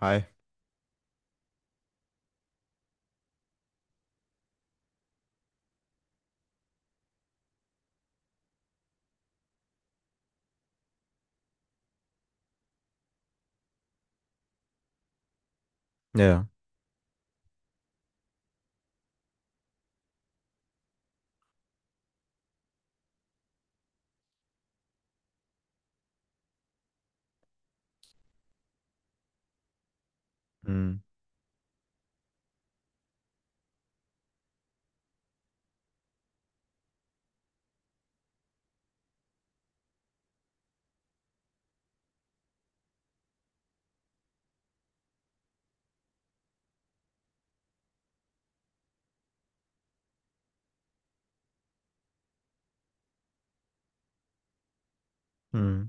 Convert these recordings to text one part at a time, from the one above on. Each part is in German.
Hi. Ja. Mhm. Mhm.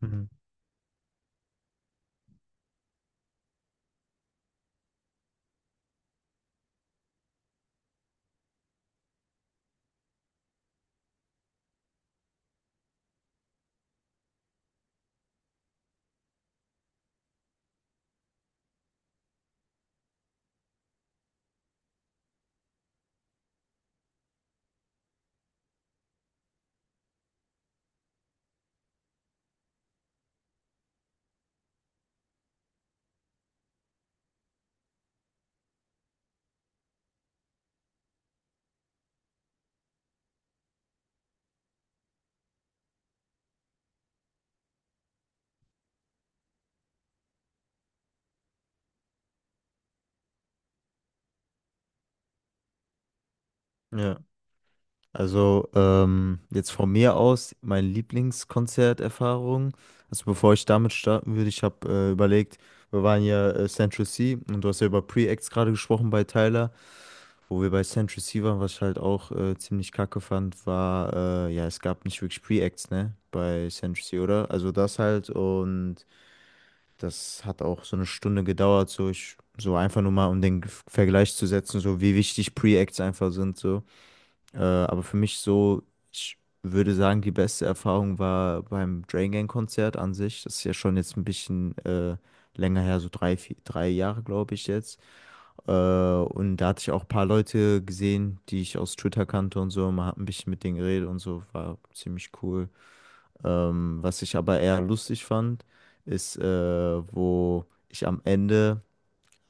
Mhm. Ja. Also jetzt von mir aus meine Lieblingskonzerterfahrung. Also bevor ich damit starten würde, ich habe überlegt, wir waren ja Central C und du hast ja über Pre-Acts gerade gesprochen bei Tyler, wo wir bei Central C waren, was ich halt auch ziemlich kacke fand, war, ja, es gab nicht wirklich Pre-Acts, ne, bei Central C, oder? Also das halt und das hat auch so eine Stunde gedauert, so ich, so einfach nur mal, um den Vergleich zu setzen, so wie wichtig Pre-Acts einfach sind, so. Aber für mich so, ich würde sagen, die beste Erfahrung war beim Drain Gang Konzert an sich. Das ist ja schon jetzt ein bisschen länger her, so drei, vier, drei Jahre, glaube ich jetzt. Und da hatte ich auch ein paar Leute gesehen, die ich aus Twitter kannte und so, man hat ein bisschen mit denen geredet und so, war ziemlich cool. Was ich aber eher lustig fand, ist, wo ich am Ende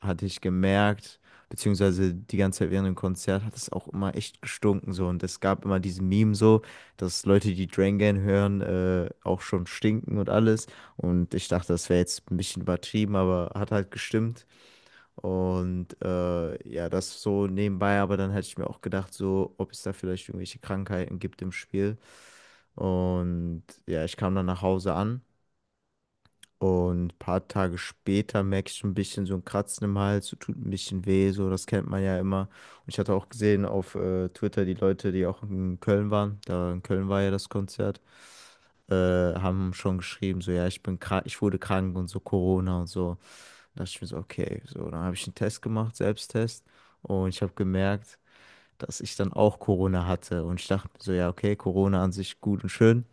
hatte ich gemerkt, beziehungsweise die ganze Zeit während dem Konzert hat es auch immer echt gestunken so, und es gab immer diesen Meme so, dass Leute, die Drängen hören, auch schon stinken und alles, und ich dachte, das wäre jetzt ein bisschen übertrieben, aber hat halt gestimmt. Und ja, das so nebenbei, aber dann hätte ich mir auch gedacht, so, ob es da vielleicht irgendwelche Krankheiten gibt im Spiel. Und ja, ich kam dann nach Hause an und ein paar Tage später merke ich schon ein bisschen so ein Kratzen im Hals, so tut ein bisschen weh, so, das kennt man ja immer. Und ich hatte auch gesehen auf Twitter, die Leute, die auch in Köln waren, da in Köln war ja das Konzert, haben schon geschrieben, so, ja, ich bin krank, ich wurde krank und so, Corona und so. Da dachte ich mir so, okay, so, dann habe ich einen Test gemacht, Selbsttest, und ich habe gemerkt, dass ich dann auch Corona hatte. Und ich dachte mir so, ja, okay, Corona an sich gut und schön.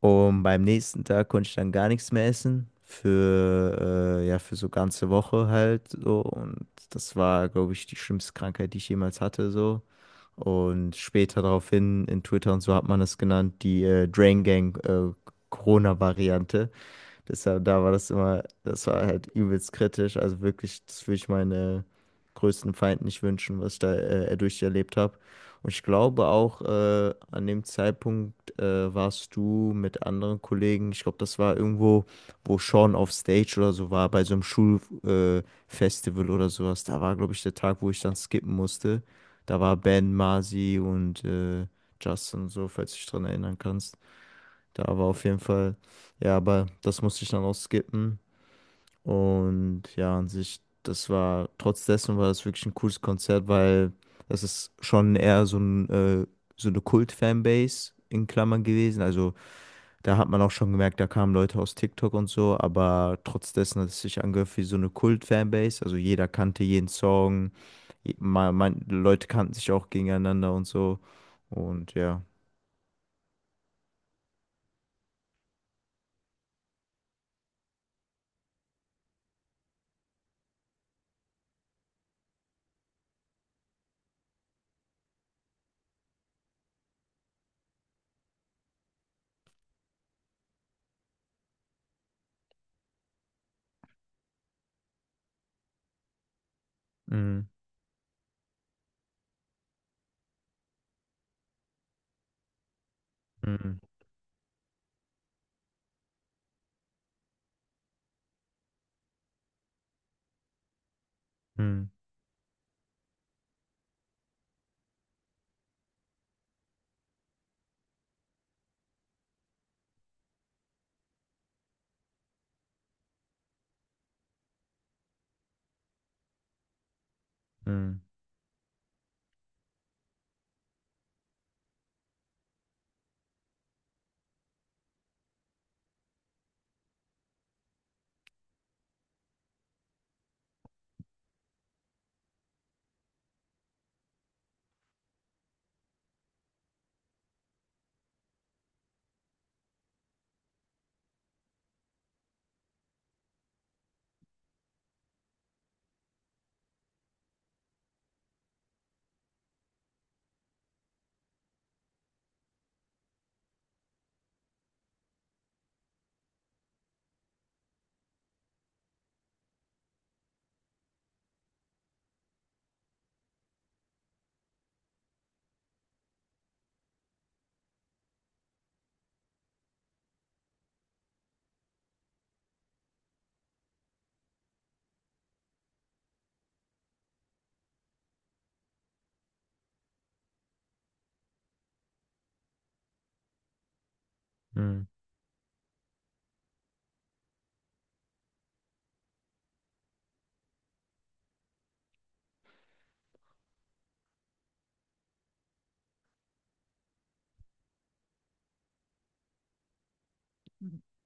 Und beim nächsten Tag konnte ich dann gar nichts mehr essen. Für, ja, für so ganze Woche halt so. Und das war, glaube ich, die schlimmste Krankheit, die ich jemals hatte, so. Und später daraufhin in Twitter und so hat man es genannt, die Drain Gang Corona-Variante. Deshalb, da war das immer, das war halt übelst kritisch. Also wirklich, das würde ich meine größten Feinden nicht wünschen, was ich da durcherlebt habe. Und ich glaube auch, an dem Zeitpunkt warst du mit anderen Kollegen, ich glaube, das war irgendwo, wo Sean auf Stage oder so war, bei so einem Schulfestival Festival oder sowas. Da war, glaube ich, der Tag, wo ich dann skippen musste. Da war Ben, Marzi und Justin und so, falls du dich dran erinnern kannst. Da war auf jeden Fall, ja, aber das musste ich dann auch skippen. Und ja, an sich, das war, trotz dessen war das wirklich ein cooles Konzert, weil das ist schon eher so ein, so eine Kult-Fanbase in Klammern gewesen. Also da hat man auch schon gemerkt, da kamen Leute aus TikTok und so, aber trotz dessen hat es sich angehört wie so eine Kult-Fanbase. Also jeder kannte jeden Song, man, Leute kannten sich auch gegeneinander und so. Und ja. Mm, mm, mm, mm, mm.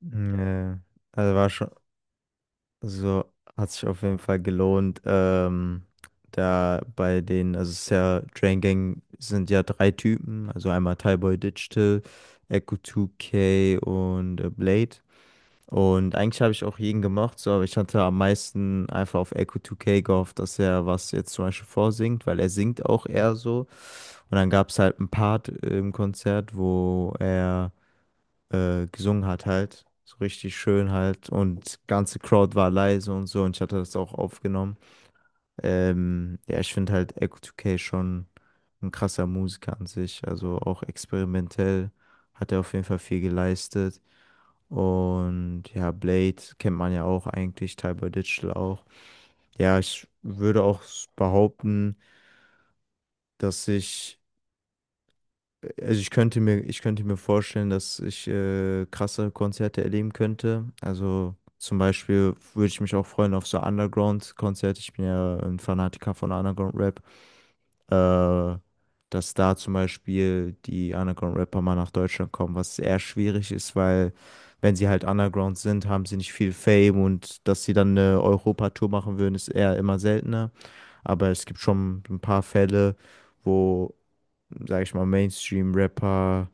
Nee, also war schon, also hat sich auf jeden Fall gelohnt. Da bei den, also es ist ja, Drain Gang sind ja drei Typen, also einmal Tyboy Digital, Echo 2K und Blade. Und eigentlich habe ich auch jeden gemocht, so, aber ich hatte am meisten einfach auf Echo 2K gehofft, dass er was jetzt zum Beispiel vorsingt, weil er singt auch eher so. Und dann gab es halt ein Part im Konzert, wo er gesungen hat halt. So richtig schön halt. Und ganze Crowd war leise und so. Und ich hatte das auch aufgenommen. Ja, ich finde halt Echo 2K schon ein krasser Musiker an sich. Also auch experimentell hat er auf jeden Fall viel geleistet. Und ja, Blade kennt man ja auch eigentlich, Tyler Digital auch. Ja, ich würde auch behaupten, dass ich, also ich könnte mir vorstellen, dass ich krasse Konzerte erleben könnte. Also zum Beispiel würde ich mich auch freuen auf so Underground-Konzerte. Ich bin ja ein Fanatiker von Underground-Rap. Äh, Dass da zum Beispiel die Underground-Rapper mal nach Deutschland kommen, was eher schwierig ist, weil wenn sie halt Underground sind, haben sie nicht viel Fame, und dass sie dann eine Europa-Tour machen würden, ist eher immer seltener. Aber es gibt schon ein paar Fälle, wo, sage ich mal, Mainstream-Rapper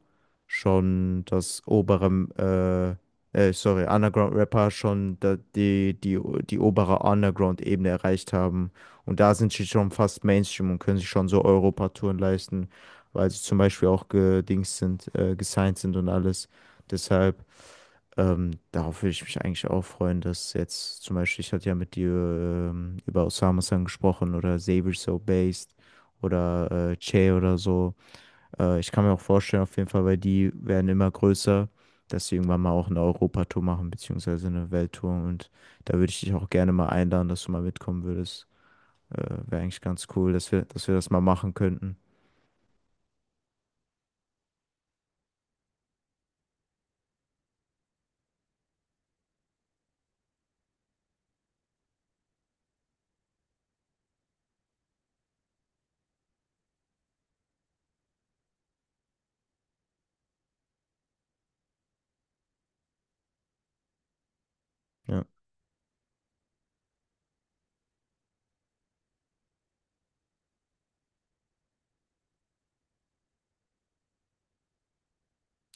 schon das obere, sorry, Underground-Rapper schon da, die obere Underground-Ebene erreicht haben. Und da sind sie schon fast Mainstream und können sich schon so Europatouren leisten, weil sie zum Beispiel auch gedings sind, gesigned sind und alles. Deshalb, darauf würde ich mich eigentlich auch freuen, dass jetzt zum Beispiel, ich hatte ja mit dir über Osama-san gesprochen oder Saber So Based oder Che oder so. Ich kann mir auch vorstellen, auf jeden Fall, weil die werden immer größer, dass sie irgendwann mal auch eine Europatour machen, beziehungsweise eine Welttour. Und da würde ich dich auch gerne mal einladen, dass du mal mitkommen würdest. Wäre eigentlich ganz cool, dass wir das mal machen könnten. Ja,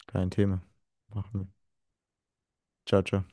kein Thema. Machen wir. Ciao, ciao.